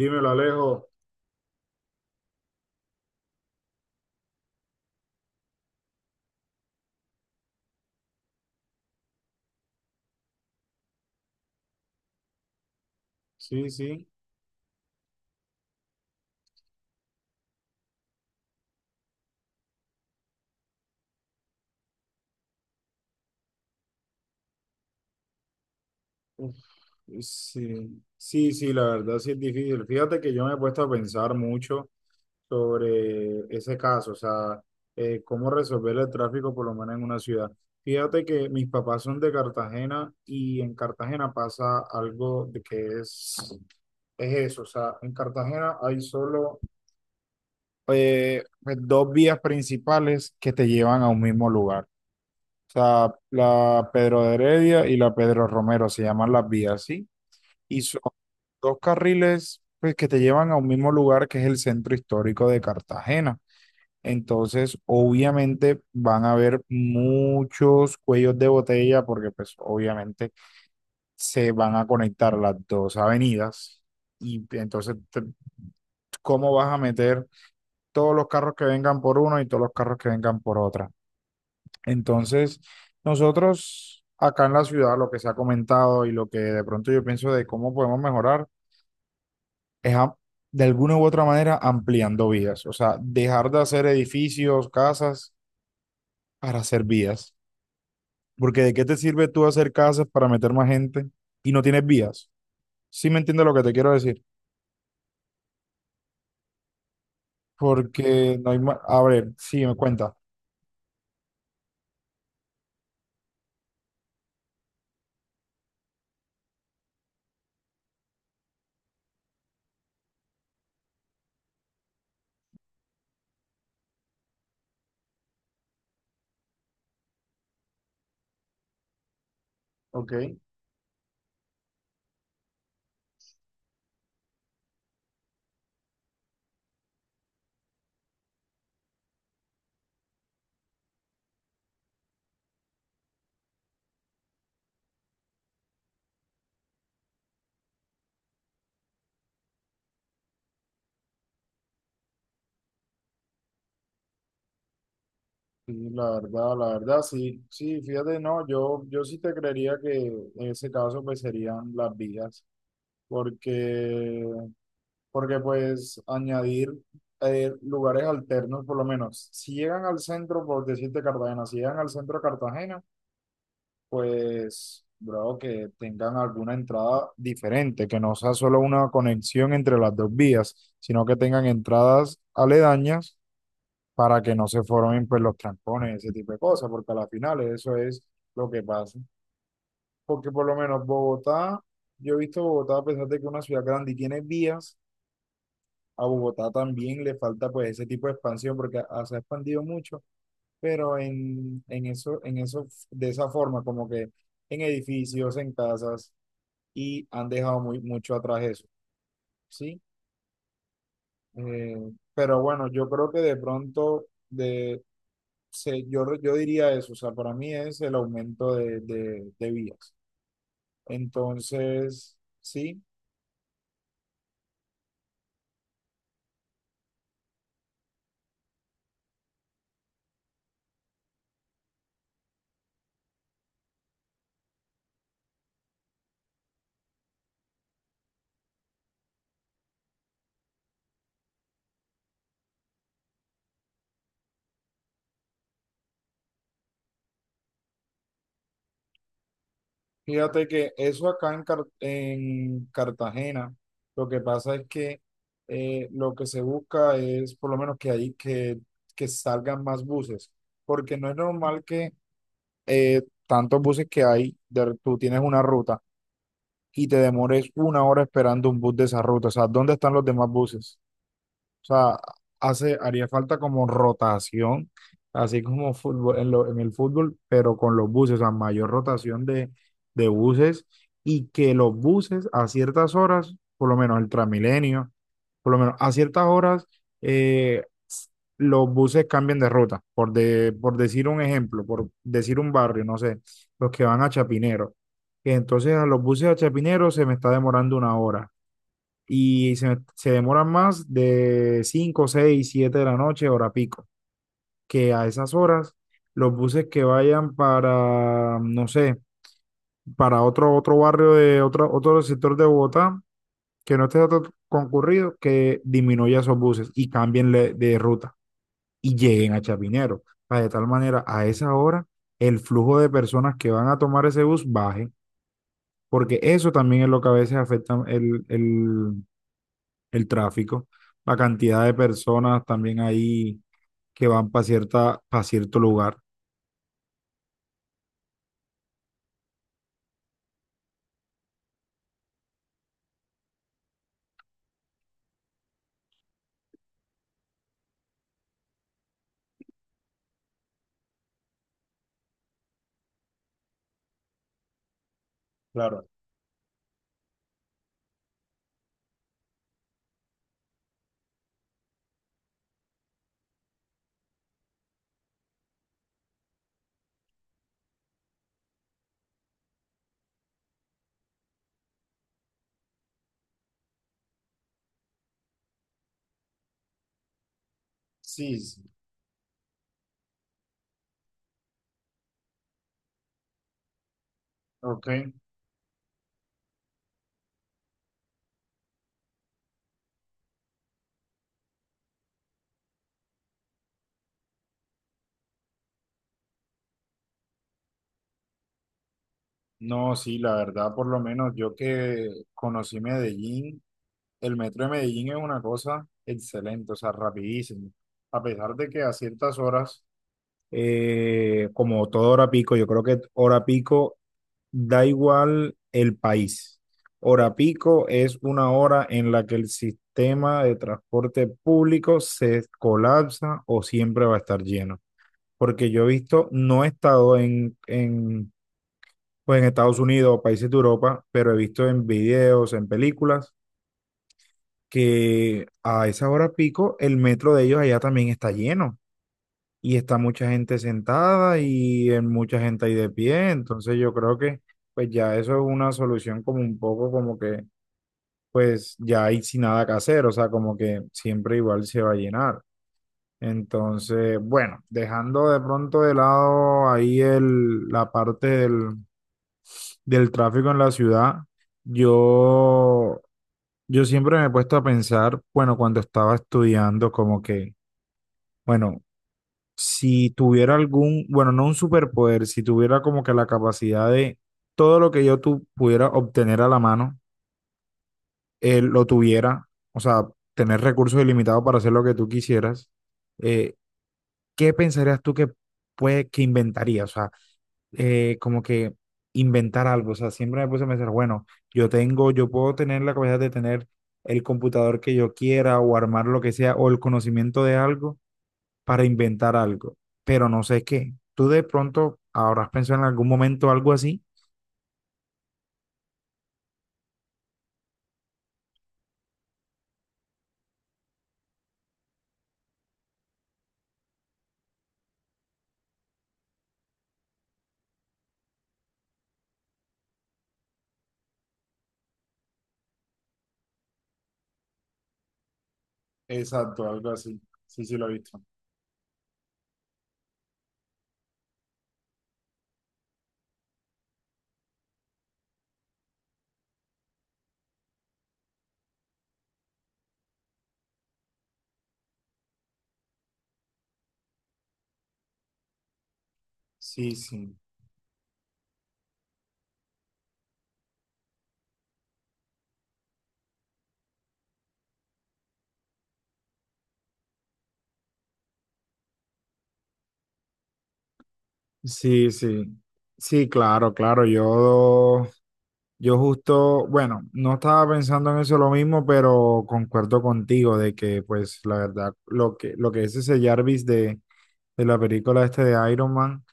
Dímelo, Alejo. Sí, sí. Uf, sí. Sí, sí, la verdad sí es difícil. Fíjate que yo me he puesto a pensar mucho sobre ese caso, o sea, cómo resolver el tráfico por lo menos en una ciudad. Fíjate que mis papás son de Cartagena y en Cartagena pasa algo de que es eso, o sea, en Cartagena hay solo pues, dos vías principales que te llevan a un mismo lugar. O sea, la Pedro de Heredia y la Pedro Romero se llaman las vías, ¿sí? Y son dos carriles pues, que te llevan a un mismo lugar que es el centro histórico de Cartagena. Entonces, obviamente van a haber muchos cuellos de botella porque pues obviamente se van a conectar las dos avenidas. Y entonces, ¿cómo vas a meter todos los carros que vengan por uno y todos los carros que vengan por otra? Entonces, nosotros acá en la ciudad lo que se ha comentado y lo que de pronto yo pienso de cómo podemos mejorar es de alguna u otra manera ampliando vías, o sea, dejar de hacer edificios, casas para hacer vías, porque ¿de qué te sirve tú hacer casas para meter más gente y no tienes vías? ¿Sí me entiendes lo que te quiero decir? Porque no hay más, a ver, sí, me cuenta. Ok, sí, la verdad, sí, sí, fíjate, no, yo sí te creería que en ese caso pues serían las vías, porque, porque pues añadir lugares alternos, por lo menos, si llegan al centro, por decirte Cartagena, si llegan al centro de Cartagena, pues, bro, que tengan alguna entrada diferente, que no sea solo una conexión entre las dos vías, sino que tengan entradas aledañas para que no se formen pues los trancones, ese tipo de cosas, porque a la final eso es lo que pasa. Porque por lo menos Bogotá, yo he visto Bogotá, a pesar de que es una ciudad grande y tiene vías, a Bogotá también le falta pues ese tipo de expansión porque se ha expandido mucho, pero en eso, de esa forma, como que en edificios, en casas, y han dejado mucho atrás eso, ¿sí? Pero bueno, yo creo que de pronto, de, se, yo, re- yo diría eso, o sea, para mí es el aumento de vías. Entonces, sí. Fíjate que eso acá en Cartagena, lo que pasa es que lo que se busca es por lo menos que ahí que salgan más buses, porque no es normal que eh, tantos buses que hay, tú tienes una ruta y te demores una hora esperando un bus de esa ruta, o sea, ¿dónde están los demás buses? O sea, haría falta como rotación, así como fútbol, en el fútbol, pero con los buses, o sea, mayor rotación de buses y que los buses a ciertas horas, por lo menos el Transmilenio, por lo menos a ciertas horas, eh, s- los buses cambian de ruta, por decir un ejemplo, por decir un barrio, no sé, los que van a Chapinero. Entonces a los buses a Chapinero se me está demorando una hora y se demoran más de 5 6 7 de la noche, hora pico, que a esas horas los buses que vayan para, no sé, para otro barrio de otro sector de Bogotá, que no esté tan concurrido, que disminuya esos buses y cambien de ruta y lleguen a Chapinero. Para de tal manera, a esa hora, el flujo de personas que van a tomar ese bus baje, porque eso también es lo que a veces afecta el tráfico, la cantidad de personas también ahí que van para para cierto lugar. Claro, sí, sí, ok. No, sí, la verdad, por lo menos yo que conocí Medellín, el metro de Medellín es una cosa excelente, o sea, rapidísimo. A pesar de que a ciertas horas, como toda hora pico, yo creo que hora pico da igual el país. Hora pico es una hora en la que el sistema de transporte público se colapsa o siempre va a estar lleno. Porque yo he visto, no he estado pues en Estados Unidos o países de Europa, pero he visto en videos, en películas, que a esa hora pico el metro de ellos allá también está lleno y está mucha gente sentada y en mucha gente ahí de pie, entonces yo creo que pues ya eso es una solución como un poco como que pues ya hay sin nada que hacer, o sea, como que siempre igual se va a llenar. Entonces, bueno, dejando de pronto de lado ahí la parte del, del tráfico en la ciudad, yo, yo siempre me he puesto a pensar, bueno, cuando estaba estudiando, como que, bueno, si tuviera algún, bueno, no un superpoder, si tuviera como que la capacidad de todo lo que yo tu, pudiera obtener a la mano, él lo tuviera, o sea, tener recursos ilimitados para hacer lo que tú quisieras, eh, ¿qué pensarías tú que puede, que inventaría? O sea, como que inventar algo. O sea, siempre me puse a pensar, bueno, yo puedo tener la capacidad de tener el computador que yo quiera o armar lo que sea o el conocimiento de algo para inventar algo, pero no sé qué. ¿Tú de pronto habrás pensado en algún momento algo así? Exacto, algo así. Sí, sí, lo he visto. Sí, sí. Sí, sí. Sí, claro, claro. Yo justo, bueno, no estaba pensando en eso lo mismo, pero concuerdo contigo de que, pues, la verdad, lo que es ese Jarvis de la película este de Iron Man.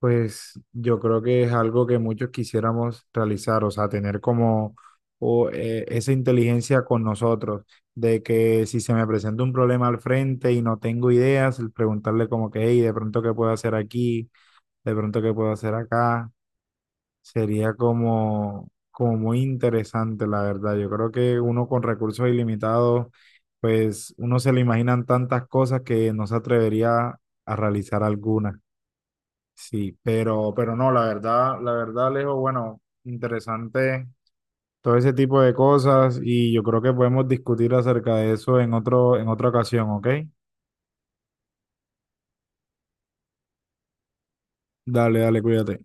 Pues yo creo que es algo que muchos quisiéramos realizar, o sea, tener como esa inteligencia con nosotros, de que si se me presenta un problema al frente y no tengo ideas, el preguntarle como que, hey, de pronto qué puedo hacer aquí, de pronto qué puedo hacer acá, sería como, como muy interesante, la verdad. Yo creo que uno con recursos ilimitados, pues uno se le imaginan tantas cosas que no se atrevería a realizar algunas. Sí, pero no, la verdad, Alejo, bueno, interesante todo ese tipo de cosas y yo creo que podemos discutir acerca de eso en en otra ocasión, ¿ok? Dale, dale, cuídate.